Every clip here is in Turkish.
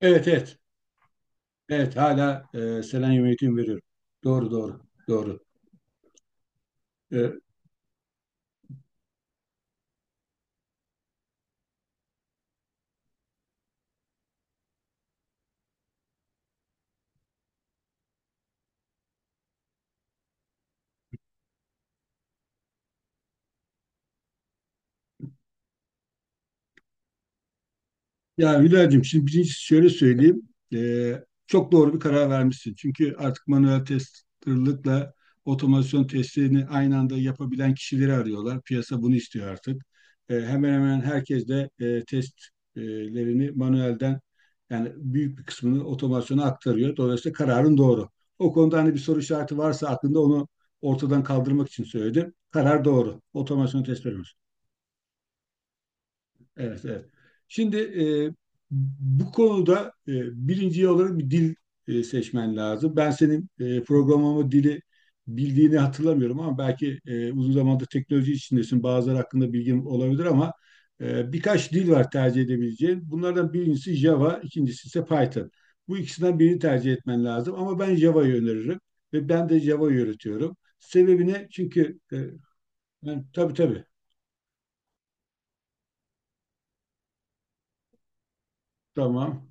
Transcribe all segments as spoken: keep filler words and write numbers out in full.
Evet evet. Evet hala e, selenyum eğitim veriyorum. Doğru doğru. Doğru. E, Ya Hülya'cığım şimdi birincisi şöyle söyleyeyim. Ee, çok doğru bir karar vermişsin. Çünkü artık manuel testerlıkla otomasyon testlerini aynı anda yapabilen kişileri arıyorlar. Piyasa bunu istiyor artık. Ee, hemen hemen herkes de e, testlerini manuelden yani büyük bir kısmını otomasyona aktarıyor. Dolayısıyla kararın doğru. O konuda hani bir soru işareti varsa aklında onu ortadan kaldırmak için söyledim. Karar doğru. Otomasyon test verilmez. Evet, evet. Şimdi e, bu konuda e, birinci olarak bir dil e, seçmen lazım. Ben senin e, programlama dili bildiğini hatırlamıyorum ama belki e, uzun zamandır teknoloji içindesin. Bazıları hakkında bilgim olabilir ama e, birkaç dil var tercih edebileceğin. Bunlardan birincisi Java, ikincisi ise Python. Bu ikisinden birini tercih etmen lazım ama ben Java'yı öneririm ve ben de Java'yı öğretiyorum. Sebebini çünkü e, ben- tabii tabii tamam.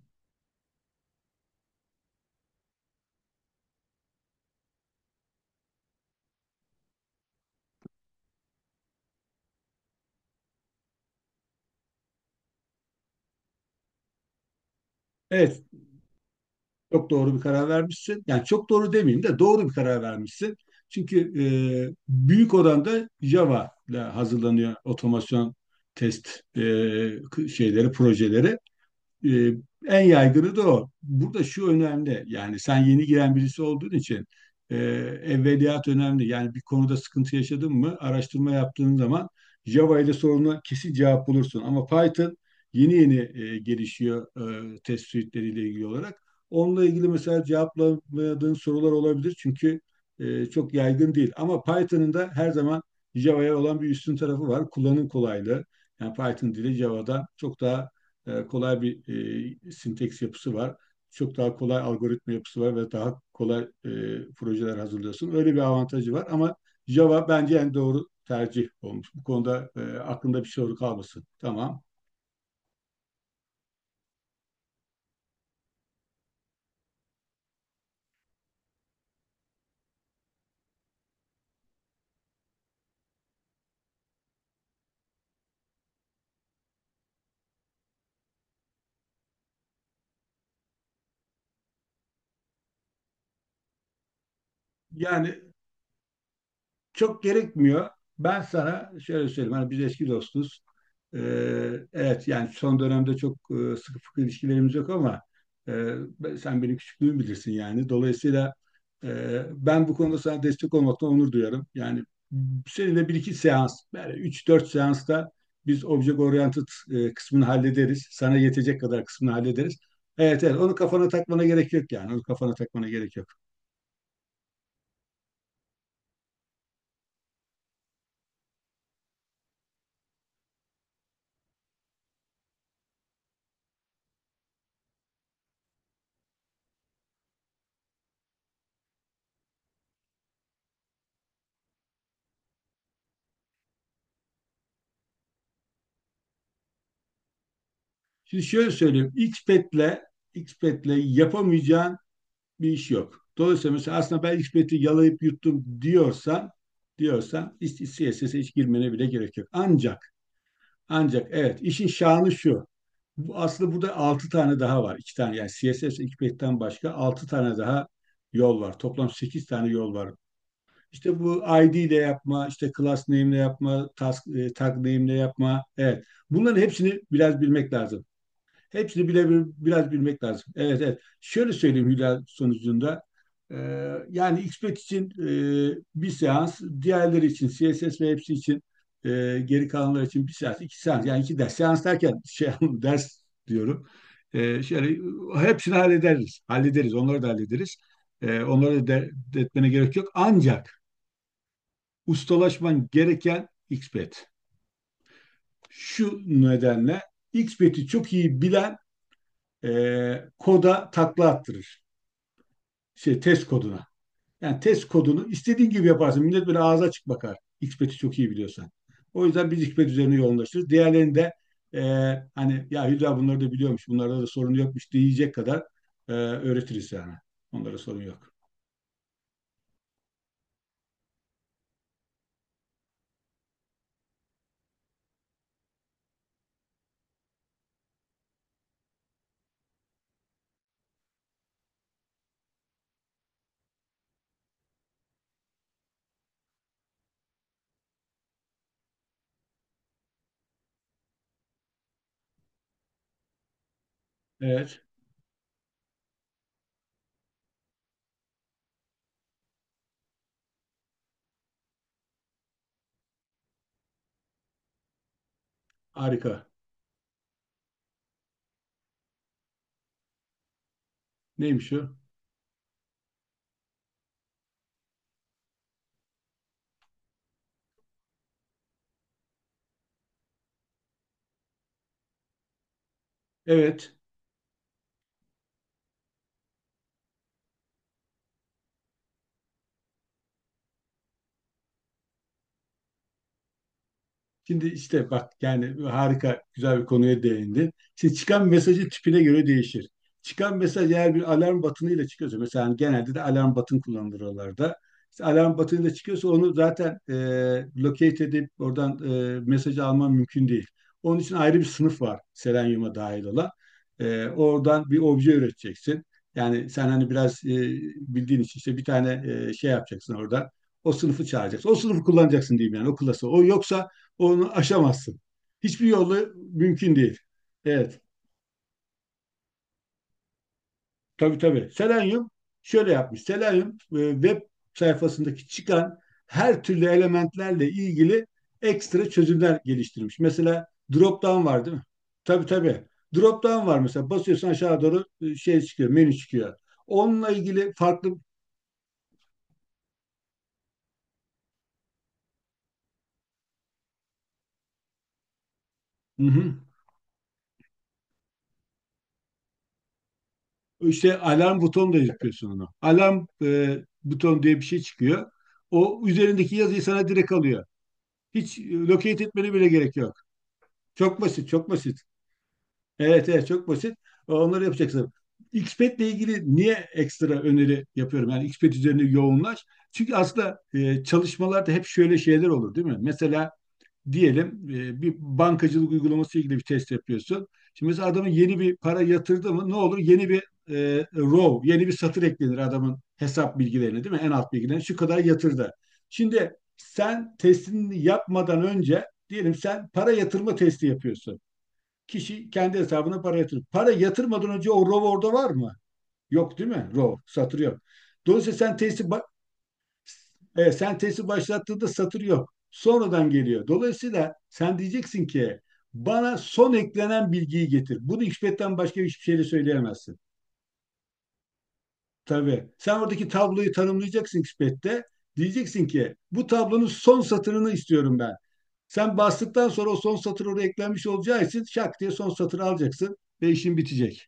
Evet, çok doğru bir karar vermişsin. Yani çok doğru demeyeyim de doğru bir karar vermişsin. Çünkü e, büyük oranda Java ile hazırlanıyor otomasyon test e, k- şeyleri, projeleri. Ee, en yaygını da o. Burada şu önemli. Yani sen yeni giren birisi olduğun için e, evveliyat önemli. Yani bir konuda sıkıntı yaşadın mı araştırma yaptığın zaman Java ile soruna kesin cevap bulursun. Ama Python yeni yeni e, gelişiyor e, test suite'leriyle ilgili olarak. Onunla ilgili mesela cevaplamadığın sorular olabilir. Çünkü e, çok yaygın değil. Ama Python'ın da her zaman Java'ya olan bir üstün tarafı var. Kullanım kolaylığı. Yani Python dili Java'dan çok daha e, kolay bir e, sinteks yapısı var. Çok daha kolay algoritma yapısı var ve daha kolay e, projeler hazırlıyorsun. Öyle bir avantajı var ama Java bence en doğru tercih olmuş. Bu konuda e, aklında bir soru kalmasın. Tamam. Yani çok gerekmiyor. Ben sana şöyle söyleyeyim. Hani biz eski dostuz. Ee, evet yani son dönemde çok e, sıkı fıkı ilişkilerimiz yok ama e, ben- sen benim küçüklüğümü bilirsin yani. Dolayısıyla e, ben bu konuda sana destek olmaktan onur duyarım. Yani seninle bir iki seans, yani üç dört seansta biz object oriented e, kısmını hallederiz. Sana yetecek kadar kısmını hallederiz. Evet evet onu kafana takmana gerek yok yani. Onu kafana takmana gerek yok. Şimdi şöyle söyleyeyim. Xpet'le Xpet'le yapamayacağın bir iş yok. Dolayısıyla mesela aslında ben Xpet'i yalayıp yuttum diyorsan, diyorsan C S C S S'e hiç girmene bile gerek yok. Ancak ancak evet işin şanı şu. Bu, aslında burada altı tane daha var. İki tane yani C S C S S Xpet'ten başka altı tane daha yol var. Toplam sekiz tane yol var. İşte bu I D ile yapma, işte class name ile yapma, task, e, tag name ile yapma. Evet. Bunların hepsini biraz bilmek lazım. Hepsini bile bir- biraz bilmek lazım. Evet, evet. Şöyle söyleyeyim Hülya sonucunda. Ee, yani X P E T için e, bir seans, diğerleri için C S S ve hepsi için e, geri kalanlar için bir seans, iki seans. Yani iki ders. Seans derken şey ders diyorum. Ee, şöyle hepsini hallederiz. Hallederiz. Onları da hallederiz. Ee, onları da de, etmene gerek yok. Ancak ustalaşman gereken X P E T. Şu nedenle X P E T'i çok iyi bilen e, koda takla attırır. Şey, test koduna. Yani test kodunu istediğin gibi yaparsın. Millet böyle ağza açık bakar. X P E T'i çok iyi biliyorsan. O yüzden biz X P E T üzerine yoğunlaşırız. Diğerlerini de e, hani ya Hülya bunları da biliyormuş, bunlarda da sorun yokmuş diyecek kadar e, öğretiriz yani. Onlara sorun yok. Evet, harika. Neymiş o? Evet. Şimdi işte bak yani harika güzel bir konuya değindin. Şimdi çıkan mesajı tipine göre değişir. Çıkan mesaj eğer bir alarm batınıyla çıkıyorsa mesela hani genelde de alarm batın kullanılır oralarda. İşte alarm batınıyla çıkıyorsa onu zaten e, locate edip oradan e, mesajı alman mümkün değil. Onun için ayrı bir sınıf var Selenium'a dahil olan. E, oradan bir obje üreteceksin. Yani sen hani biraz e, bildiğin için işte bir tane e, şey yapacaksın orada. O sınıfı çağıracaksın. O sınıfı kullanacaksın diyeyim yani o klası. O yoksa onu aşamazsın. Hiçbir yolla mümkün değil. Evet. Tabii tabii. Selenium şöyle yapmış. Selenium e, web sayfasındaki çıkan her türlü elementlerle ilgili ekstra çözümler geliştirmiş. Mesela drop down var değil mi? Tabii tabii. Drop down var mesela. Basıyorsun aşağı doğru e, şey çıkıyor, menü çıkıyor. Onunla ilgili farklı. Hı hı. İşte alarm butonu da yapıyorsun onu. Alarm e, butonu diye bir şey çıkıyor. O üzerindeki yazıyı sana direkt alıyor. Hiç e, locate etmene bile gerek yok. Çok basit, çok basit. Evet, evet çok basit. E, Onları yapacaksın. Xped ile ilgili niye ekstra öneri yapıyorum? Yani Xped üzerine yoğunlaş. Çünkü aslında e, çalışmalarda hep şöyle şeyler olur, değil mi? Mesela diyelim e, bir bankacılık uygulaması ilgili bir test yapıyorsun. Şimdi mesela adamın yeni bir para yatırdı mı ne olur? Yeni bir e, row, yeni bir satır eklenir adamın hesap bilgilerine değil mi? En alt bilgilerine şu kadar yatırdı. Şimdi sen testini yapmadan önce diyelim sen para yatırma testi yapıyorsun. Kişi kendi hesabına para yatırır. Para yatırmadan önce o row orada var mı? Yok değil mi? Row, satır yok. Dolayısıyla sen testi ba- e, sentezi başlattığında satır yok. Sonradan geliyor. Dolayısıyla sen diyeceksin ki bana son eklenen bilgiyi getir. Bunu XPath'ten başka hiçbir şeyle söyleyemezsin. Tabii. Sen oradaki tabloyu tanımlayacaksın XPath'te. Diyeceksin ki bu tablonun son satırını istiyorum ben. Sen bastıktan sonra o son satır oraya eklenmiş olacağı için şak diye son satırı alacaksın ve işin bitecek.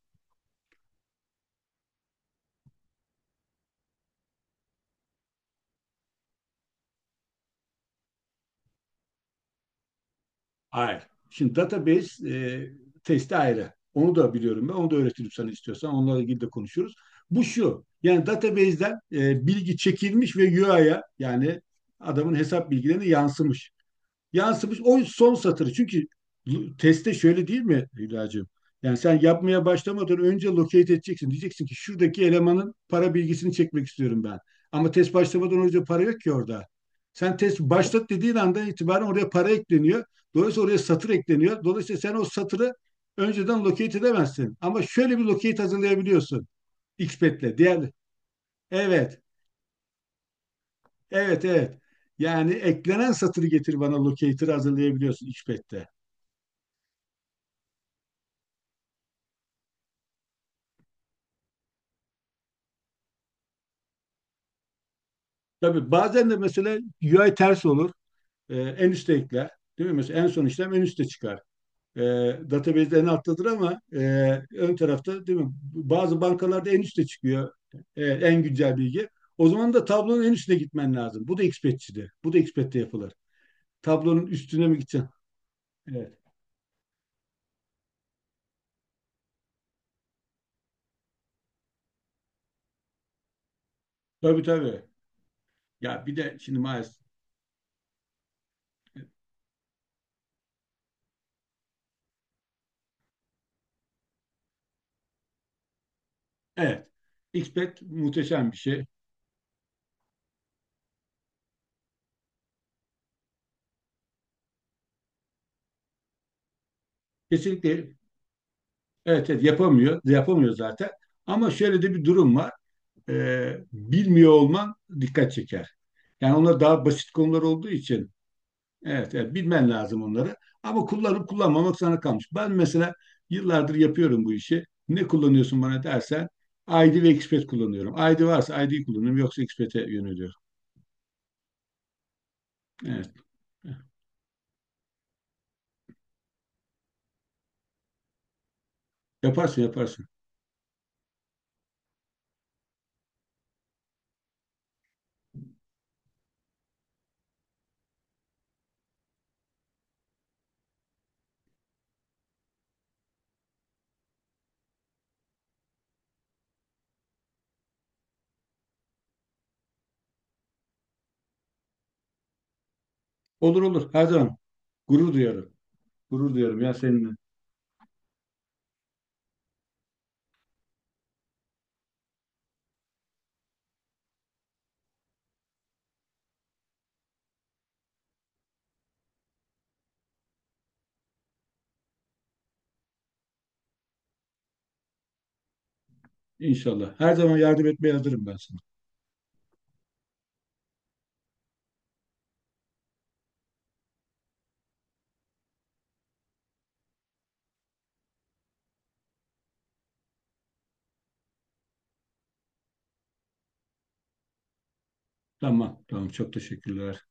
Hayır. Şimdi database e, testi ayrı. Onu da biliyorum ben. Onu da öğretirim sana istiyorsan. Onlarla ilgili de konuşuruz. Bu şu. Yani database'den e, bilgi çekilmiş ve U I'ya yani adamın hesap bilgilerine yansımış yansımış o son satırı. Çünkü teste şöyle değil mi Hülya'cığım? Yani sen yapmaya başlamadan önce locate edeceksin. Diyeceksin ki şuradaki elemanın para bilgisini çekmek istiyorum ben. Ama test başlamadan önce para yok ki orada. Sen test başlat dediğin andan itibaren oraya para ekleniyor. Dolayısıyla oraya satır ekleniyor. Dolayısıyla sen o satırı önceden locate edemezsin. Ama şöyle bir locate hazırlayabiliyorsun. XPath'le. Diğer, evet, evet, evet. Yani eklenen satırı getir bana locator'ı hazırlayabiliyorsun XPath'te. Tabii bazen de mesela U I ters olur. Ee, en üste ekler. Değil mi? Mesela en son işlem en üste çıkar. Ee, database en alttadır ama e, ön tarafta değil mi? Bazı bankalarda en üstte çıkıyor e, en güncel bilgi. O zaman da tablonun en üstüne gitmen lazım. Bu da Expert'çide. Bu da Expert'te yapılır. Tablonun üstüne mi gideceksin? Evet. Tabii tabii. Ya bir de şimdi maalesef. Evet. Expert muhteşem bir şey. Kesinlikle evet, evet yapamıyor. Yapamıyor zaten. Ama şöyle de bir durum var. e, bilmiyor olman dikkat çeker. Yani onlar daha basit konular olduğu için evet, evet bilmen lazım onları. Ama kullanıp kullanmamak sana kalmış. Ben mesela yıllardır yapıyorum bu işi. Ne kullanıyorsun bana dersen I D ve Expat kullanıyorum. I D varsa I D'yi kullanıyorum yoksa Expat'e yöneliyorum. Evet. Yaparsın yaparsın. Olur olur her zaman. Gurur duyarım. Gurur duyarım ya seninle. İnşallah. Her zaman yardım etmeye hazırım ben sana. Tamam tamam çok teşekkürler.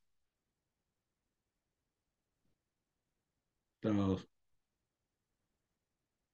Sağ ol.